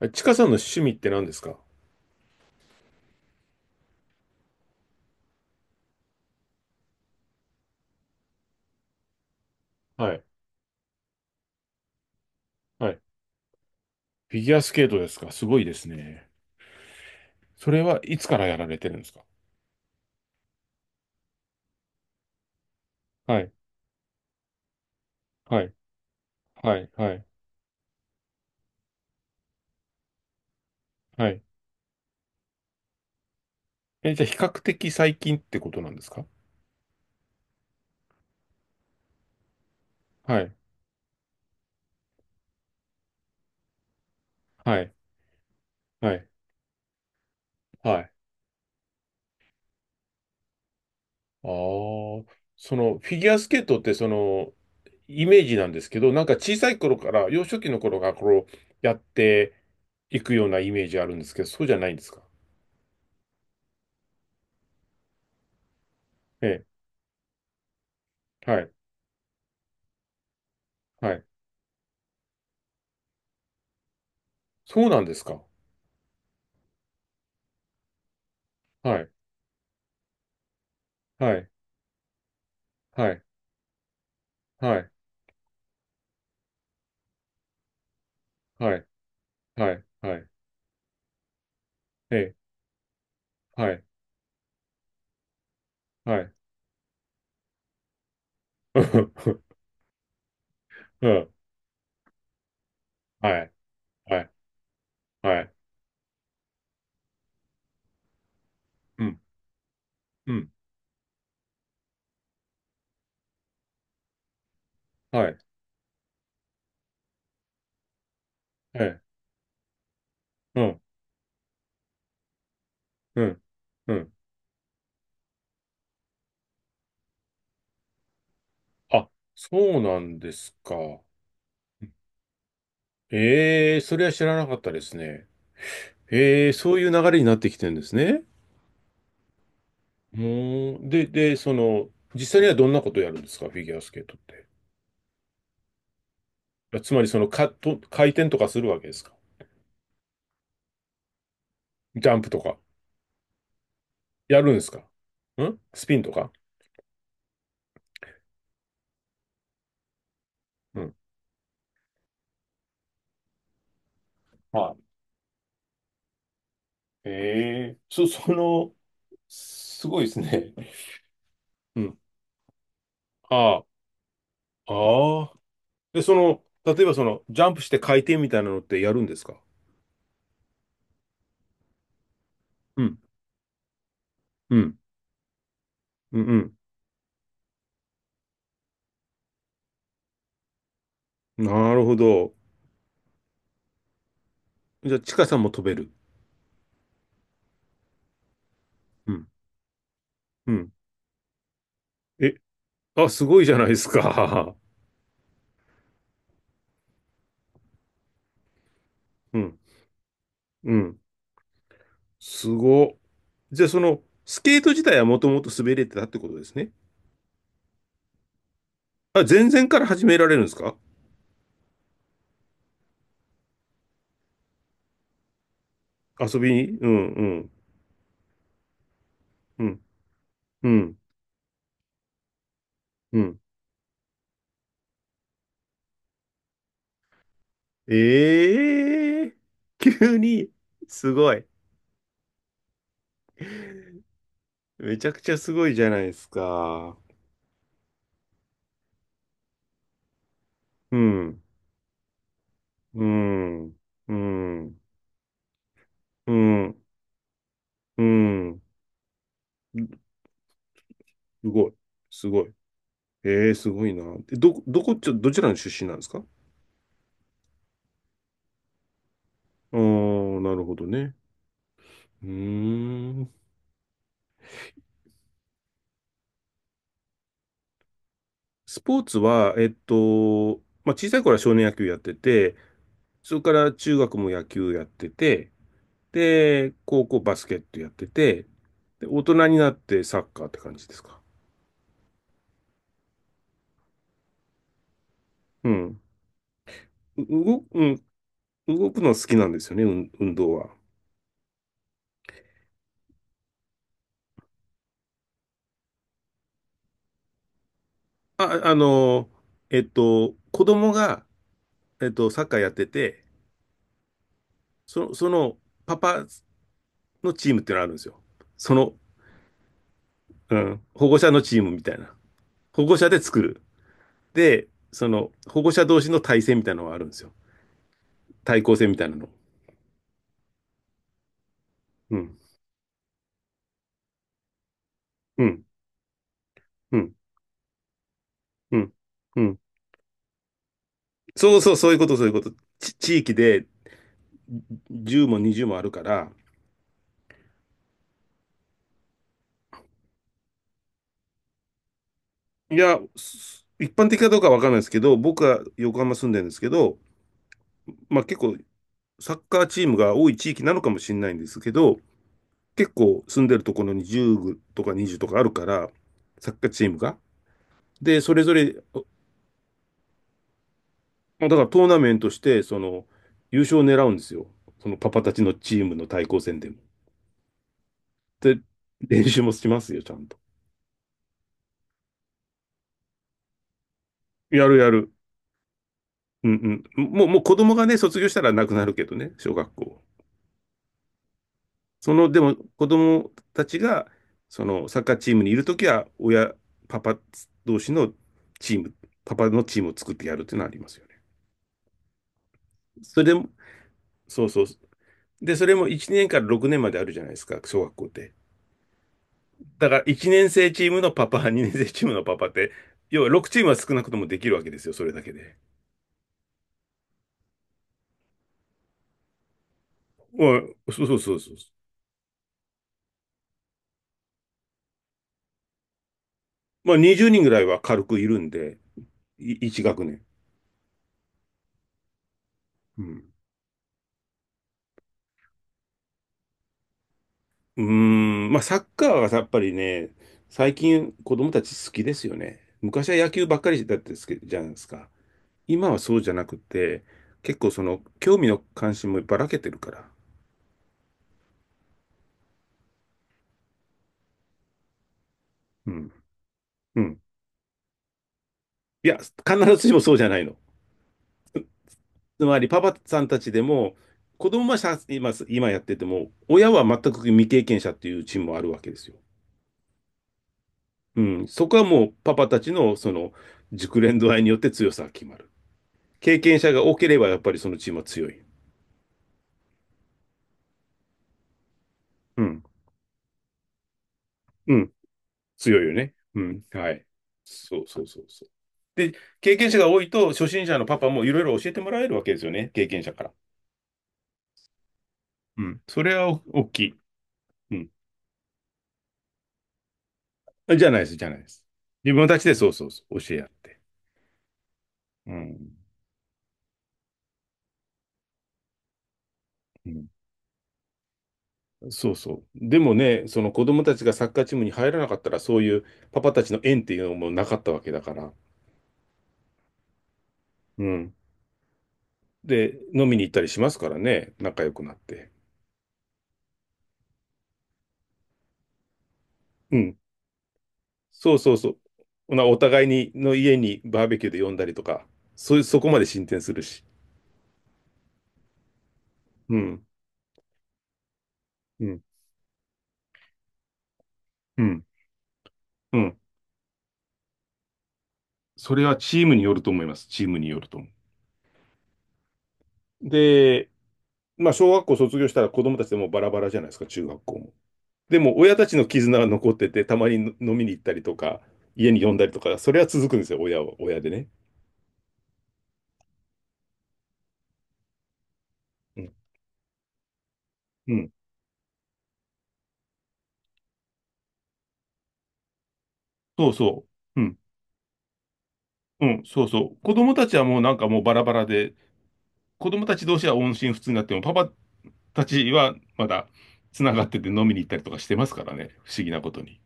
えちかさんの趣味って何ですか？はい。はい。フィギュアスケートですか？すごいですね。それはいつからやられてるんですか？はい、はい、はい、はい、はい。え、じゃあ比較的最近ってことなんですか？はい、はい、はい、はい。ああ、そのフィギュアスケートってそのイメージなんですけど、なんか小さい頃から、幼少期の頃からこうやっていくようなイメージあるんですけど、そうじゃないんですか？ええ、はい、はい。そうなんですか？はい、はい、はい、はい。はい、はい、はい、ええ、はい、はい、うん、うん、はい、はい、はい、うん、うん、はい、ええ、うん、うん、うん。あ、そうなんですか。ええ、それは知らなかったですね。ええ、そういう流れになってきてるんですね。うーん。で、その、実際にはどんなことをやるんですか、フィギュアスケートって。あつまり、その、回転とかするわけですか？ジャンプとか。やるんですか？んスピンとか。うん。はいええそ、その、すごいですね。うん。ああ、ああ。で、その、例えばその、ジャンプして回転みたいなのってやるんですか？うん、うん、うん、うん。なるほど。じゃあ、ちかさんも飛べる。うん、うん。え、あ、すごいじゃないですか。うん、うん。すご。じゃあ、その、スケート自体はもともと滑れてたってことですね。あ、全然から始められるんですか？遊びに。うん、うん、うん、うん、うん。ええー 急に、すごい。めちゃくちゃすごいじゃないですか。うん、うん、うん、うん、うん。すごい、すごい。ええーすごいな。で、どちらの出身なんですか？ああー、なるほどね。うーん。スポーツは、まあ、小さい頃は少年野球やってて、それから中学も野球やってて、で、高校バスケットやってて、で、大人になってサッカーって感じですか。うん。動く、うん、動くの好きなんですよね、運動は。あ、あの、子供が、サッカーやってて、その、パパのチームってのあるんですよ。その、うん、保護者のチームみたいな。保護者で作る。で、その、保護者同士の対戦みたいなのがあるんですよ。対抗戦みたいなの。うん、うん、うん、うん、うん。そうそう、そういうこと、そういうこと。地域で10も20もあるから、いや、一般的かどうかわかんないですけど、僕は横浜住んでるんですけど、まあ結構サッカーチームが多い地域なのかもしれないんですけど、結構住んでるところに10とか20とかあるから、サッカーチームが。で、それぞれ、だからトーナメントして、その、優勝を狙うんですよ。そのパパたちのチームの対抗戦でも。で、練習もしますよ、ちゃんと。やるやる。うんうん。もう子供がね、卒業したらなくなるけどね、小学校。その、でも子供たちが、そのサッカーチームにいるときは、親、パパ同士のチーム、パパのチームを作ってやるっていうのはありますよね。それでも、そうそう。で、それも1年から6年まであるじゃないですか、小学校って。だから1年生チームのパパ、2年生チームのパパって、要は6チームは少なくともできるわけですよ、それだけで。まあ、そうそうそうそう。まあ20人ぐらいは軽くいるんで、1学年。うんうーん、まあサッカーはやっぱりね、最近子供たち好きですよね。昔は野球ばっかりだったですけじゃないですか。今はそうじゃなくて、結構その興味の関心もばらけてるから。うん。うん。いや、必ずしもそうじゃないの。つまりパパさんたちでも、子供はさ今やってても、親は全く未経験者っていうチームもあるわけですよ。うん。そこはもうパパたちのその熟練度合いによって強さが決まる。経験者が多ければやっぱりそのチームは強い。うんうん、強いよね。うん、はい。そうそうそうそう。で、経験者が多いと、初心者のパパもいろいろ教えてもらえるわけですよね、経験者から。うん、それは大きい。うん。あじゃないです、じゃないです。自分たちでそうそうそう、教え合って。うん。うん、そうそう。でもね、その子供たちがサッカーチームに入らなかったら、そういうパパたちの縁っていうのもなかったわけだから。うん。で、飲みに行ったりしますからね、仲良くなって。うん。そうそうそう。なお互いにの家にバーベキューで呼んだりとか、そういう、そこまで進展するし。うん、うん、うん、うん。それはチームによると思います。チームによると思う。で、まあ、小学校卒業したら子供たちでもうバラバラじゃないですか、中学校も。でも、親たちの絆が残ってて、たまに飲みに行ったりとか、家に呼んだりとか、それは続くんですよ、親は、親でね。うん。うん。そうそう。うん。うん、そうそう。子供たちはもうなんかもうバラバラで、子供たち同士は音信不通になっても、パパたちはまだつながってて飲みに行ったりとかしてますからね。不思議なことに。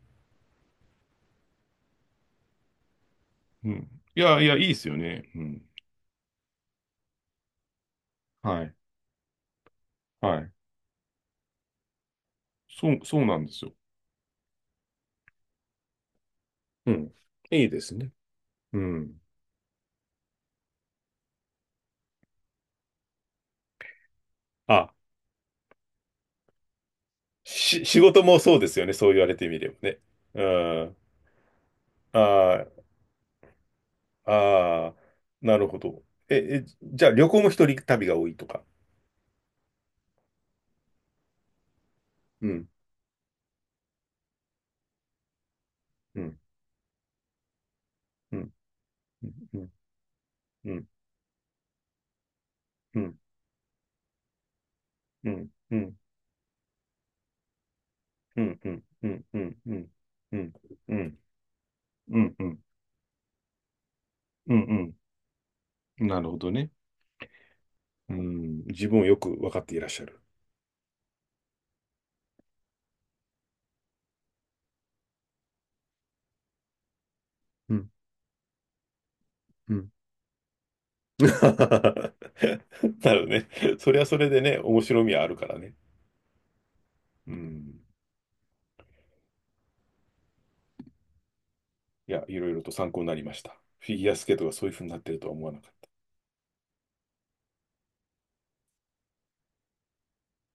うん。いやいやいいっすよね。うん。はいはい。そうそうなんですよ。うん。いいですね。うん。あ、仕事もそうですよね。そう言われてみればね。うん。ああああ。なるほど。ええじゃあ旅行も一人旅が多いとか。うんうんうんうんうんうんうんうんうんうんうんうんうんうんうんうん。なるほどね。うん。自分をよく分かっていらっしゃる。うん。うん。なるほどね。それはそれでね、面白みはあるからね。うん。いや、いろいろと参考になりました。フィギュアスケートがそういうふうになってるとは思わなかった。